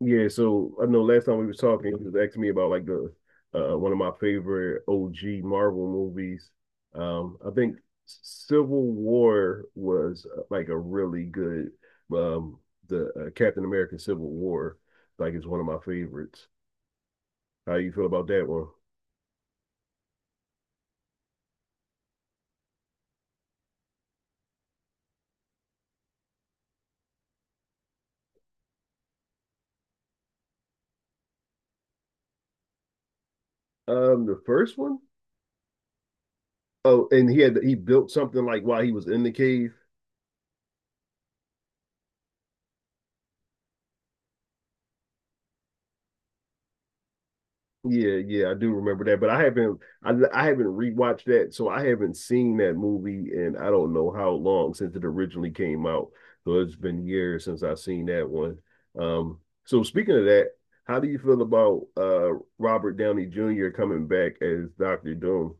Yeah, so I know last time we were talking, he was asking me about like the one of my favorite OG Marvel movies. I think Civil War was like a really good um the Captain America Civil War like is one of my favorites. How you feel about that one? The first one? Oh, and he built something like while he was in the cave. Yeah, yeah, I do remember that, but I haven't rewatched that, so I haven't seen that movie, and I don't know how long since it originally came out. So it's been years since I've seen that one. Um, so speaking of that, how do you feel about Robert Downey Jr. coming back as Doctor Doom?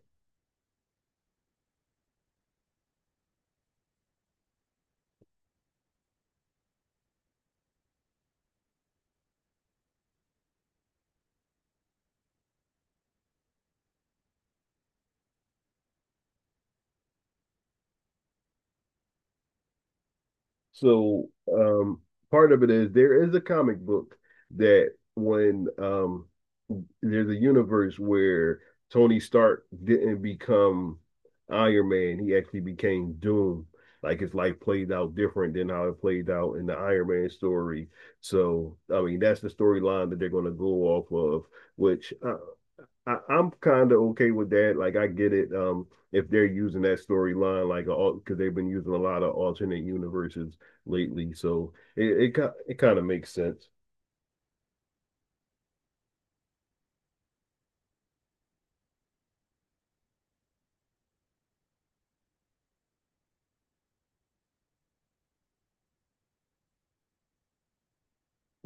So um, part of it is there is a comic book that when there's a universe where Tony Stark didn't become Iron Man, he actually became Doom. Like his life played out different than how it played out in the Iron Man story. So, I mean, that's the storyline that they're going to go off of, which I, I'm kind of okay with that. Like, I get it. If they're using that storyline, like, because they've been using a lot of alternate universes lately, so it kind of makes sense.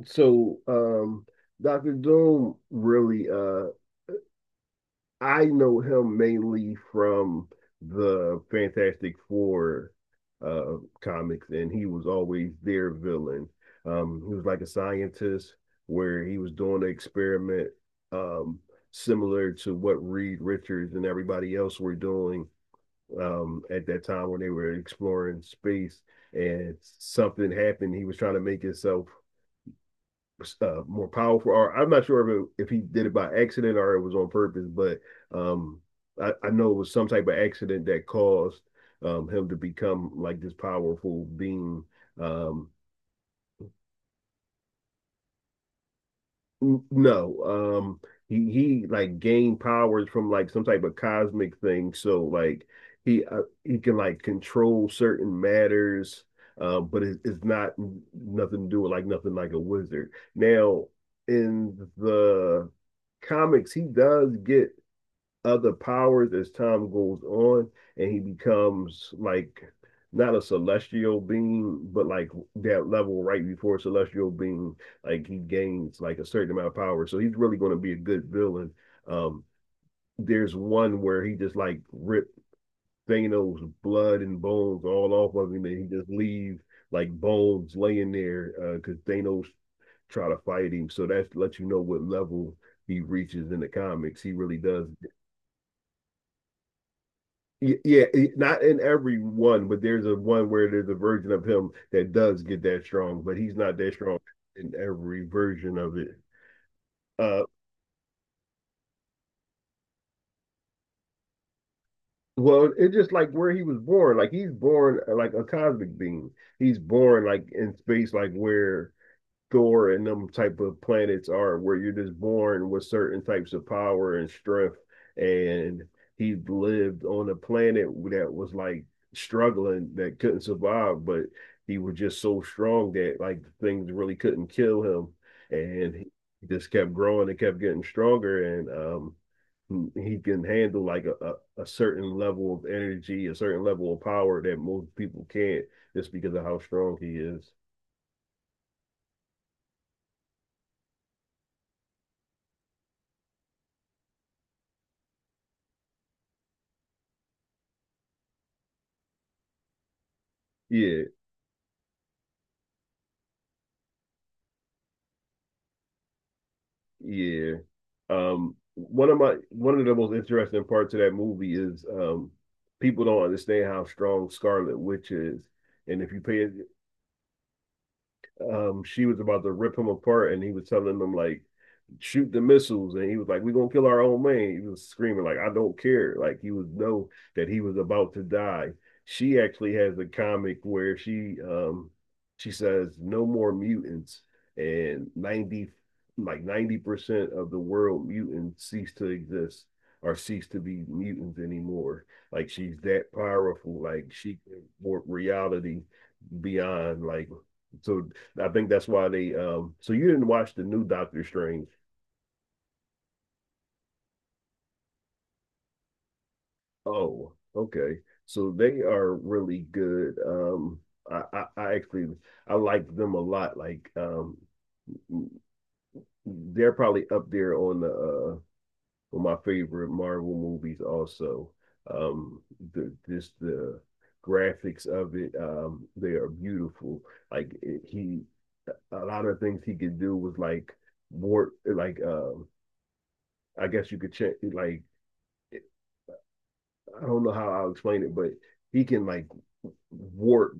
So, Doctor Doom really, I know him mainly from the Fantastic Four uh comics, and he was always their villain. He was like a scientist where he was doing an experiment um similar to what Reed Richards and everybody else were doing at that time when they were exploring space and something happened. He was trying to make himself more powerful. Or I'm not sure if he did it by accident or it was on purpose, but um, I know it was some type of accident that caused him to become like this powerful being. Um, No, um, he like gained powers from like some type of cosmic thing. So like he can like control certain matters, it's not nothing to do with like nothing like a wizard. Now in the comics, he does get other powers as time goes on, and he becomes like not a celestial being, but like that level right before celestial being, like he gains like a certain amount of power. So he's really going to be a good villain. Um, there's one where he just like ripped Thanos' blood and bones all off of him, and he just leave like bones laying there because Thanos try to fight him. So that lets you know what level he reaches in the comics. He really does. Yeah, not in every one, but there's a one where there's a version of him that does get that strong, but he's not that strong in every version of it. Uh, well, it's just like where he was born. Like he's born like a cosmic being. He's born like in space, like where Thor and them type of planets are, where you're just born with certain types of power and strength. And he lived on a planet that was like struggling, that couldn't survive, but he was just so strong that like things really couldn't kill him. And he just kept growing and kept getting stronger. And he can handle like a certain level of energy, a certain level of power that most people can't just because of how strong he is. Yeah. Yeah. One of the most interesting parts of that movie is people don't understand how strong Scarlet Witch is. And if you pay, she was about to rip him apart, and he was telling them like, shoot the missiles, and he was like, "We're gonna kill our own man." He was screaming like, "I don't care!" Like he was know that he was about to die. She actually has a comic where she she says, "No more mutants," and ninety like 90% of the world mutants cease to exist or cease to be mutants anymore. Like she's that powerful. Like she can warp reality beyond like so I think that's why they. So you didn't watch the new Doctor Strange? Oh, okay. So they are really good. Um, I actually I like them a lot. Like they're probably up there on the on my favorite Marvel movies. Also, um, the just the graphics of it. They are beautiful. Like it, he, a lot of things he could do was like more like I guess you could check like I don't know how I'll explain it, but he can like warp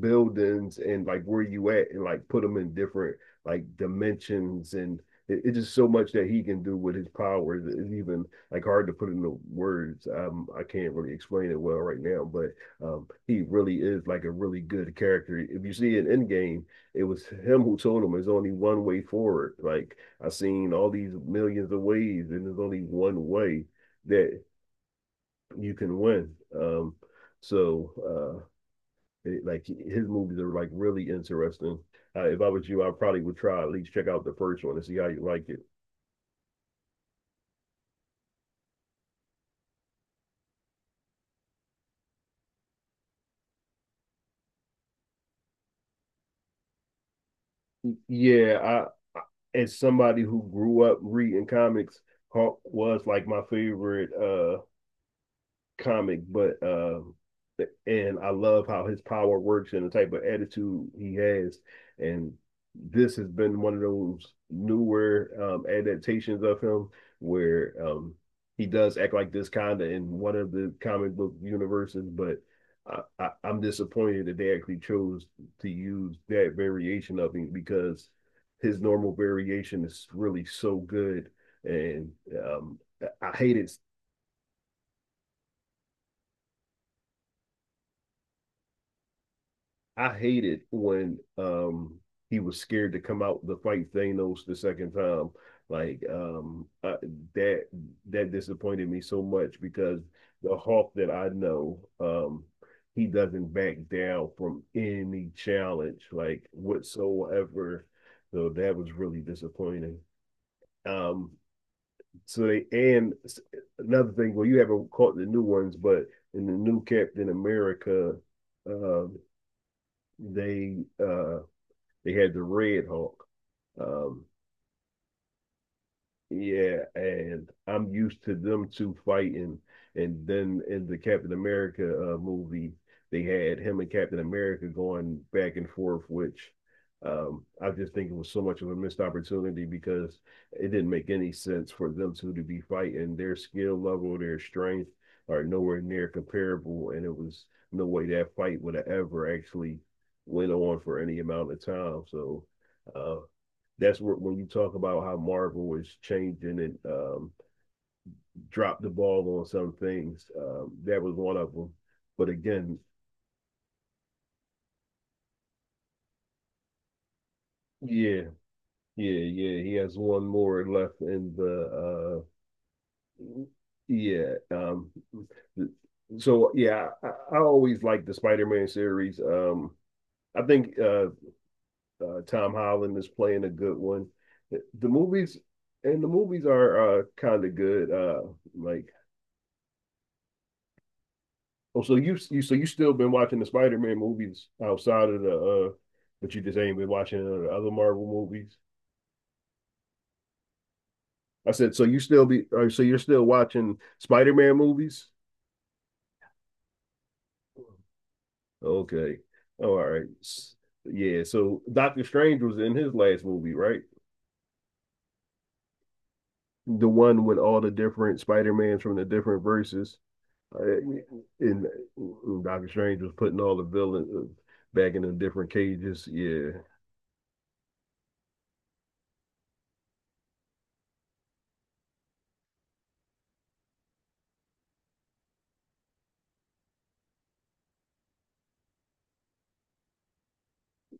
buildings and like where you at and like put them in different like dimensions and it's just so much that he can do with his powers it's even like hard to put into words I can't really explain it well right now but he really is like a really good character if you see it in game it was him who told him there's only one way forward like I've seen all these millions of ways and there's only one way that you can win. So uh, like his movies are like really interesting. If I was you, I probably would try at least check out the first one and see how you like it. Yeah, I as somebody who grew up reading comics, Hawk was like my favorite comic, but and I love how his power works and the type of attitude he has. And this has been one of those newer adaptations of him where he does act like this kind of in one of the comic book universes, but. I'm disappointed that they actually chose to use that variation of him because his normal variation is really so good and um, I hated I hated when he was scared to come out to fight Thanos the second time. Like that that disappointed me so much because the Hulk that I know he doesn't back down from any challenge like whatsoever. So that was really disappointing. Um so they and Another thing, well you haven't caught the new ones, but in the new Captain America uh they uh they had the Red Hawk. Um, yeah, and I'm used to them two fighting. And then in the Captain America movie, they had him and Captain America going back and forth, which I just think it was so much of a missed opportunity because it didn't make any sense for them two to be fighting. Their skill level, their strength are nowhere near comparable, and it was no way that fight would have ever actually went on for any amount of time. So uh, that's where when you talk about how Marvel is changing and dropped the ball on some things. That was one of them. But again, yeah, yeah, yeah. He has one more left in the. Uh, yeah. So yeah, I always like the Spider-Man series. I think Tom Holland is playing a good one. The movies and the movies are kind of good. Like oh, so you still been watching the Spider Man movies outside of the but you just ain't been watching the other Marvel movies. I said, so you still be, or so you're still watching Spider Man movies? Okay, all right, S- yeah. So Doctor Strange was in his last movie, right? The one with all the different Spider Mans from the different verses, Uh, and Doctor Strange was putting all the villains back in the different cages. Yeah.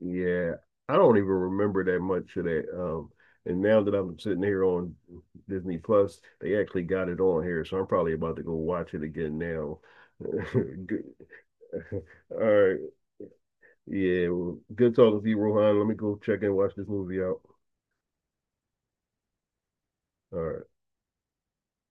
Yeah, I don't even remember that much of that. And now that I'm sitting here on Disney Plus, they actually got it on here, so I'm probably about to go watch it again now. Good. All right. Yeah, well, good talking to you, Rohan. Let me go check and watch this movie out. All right.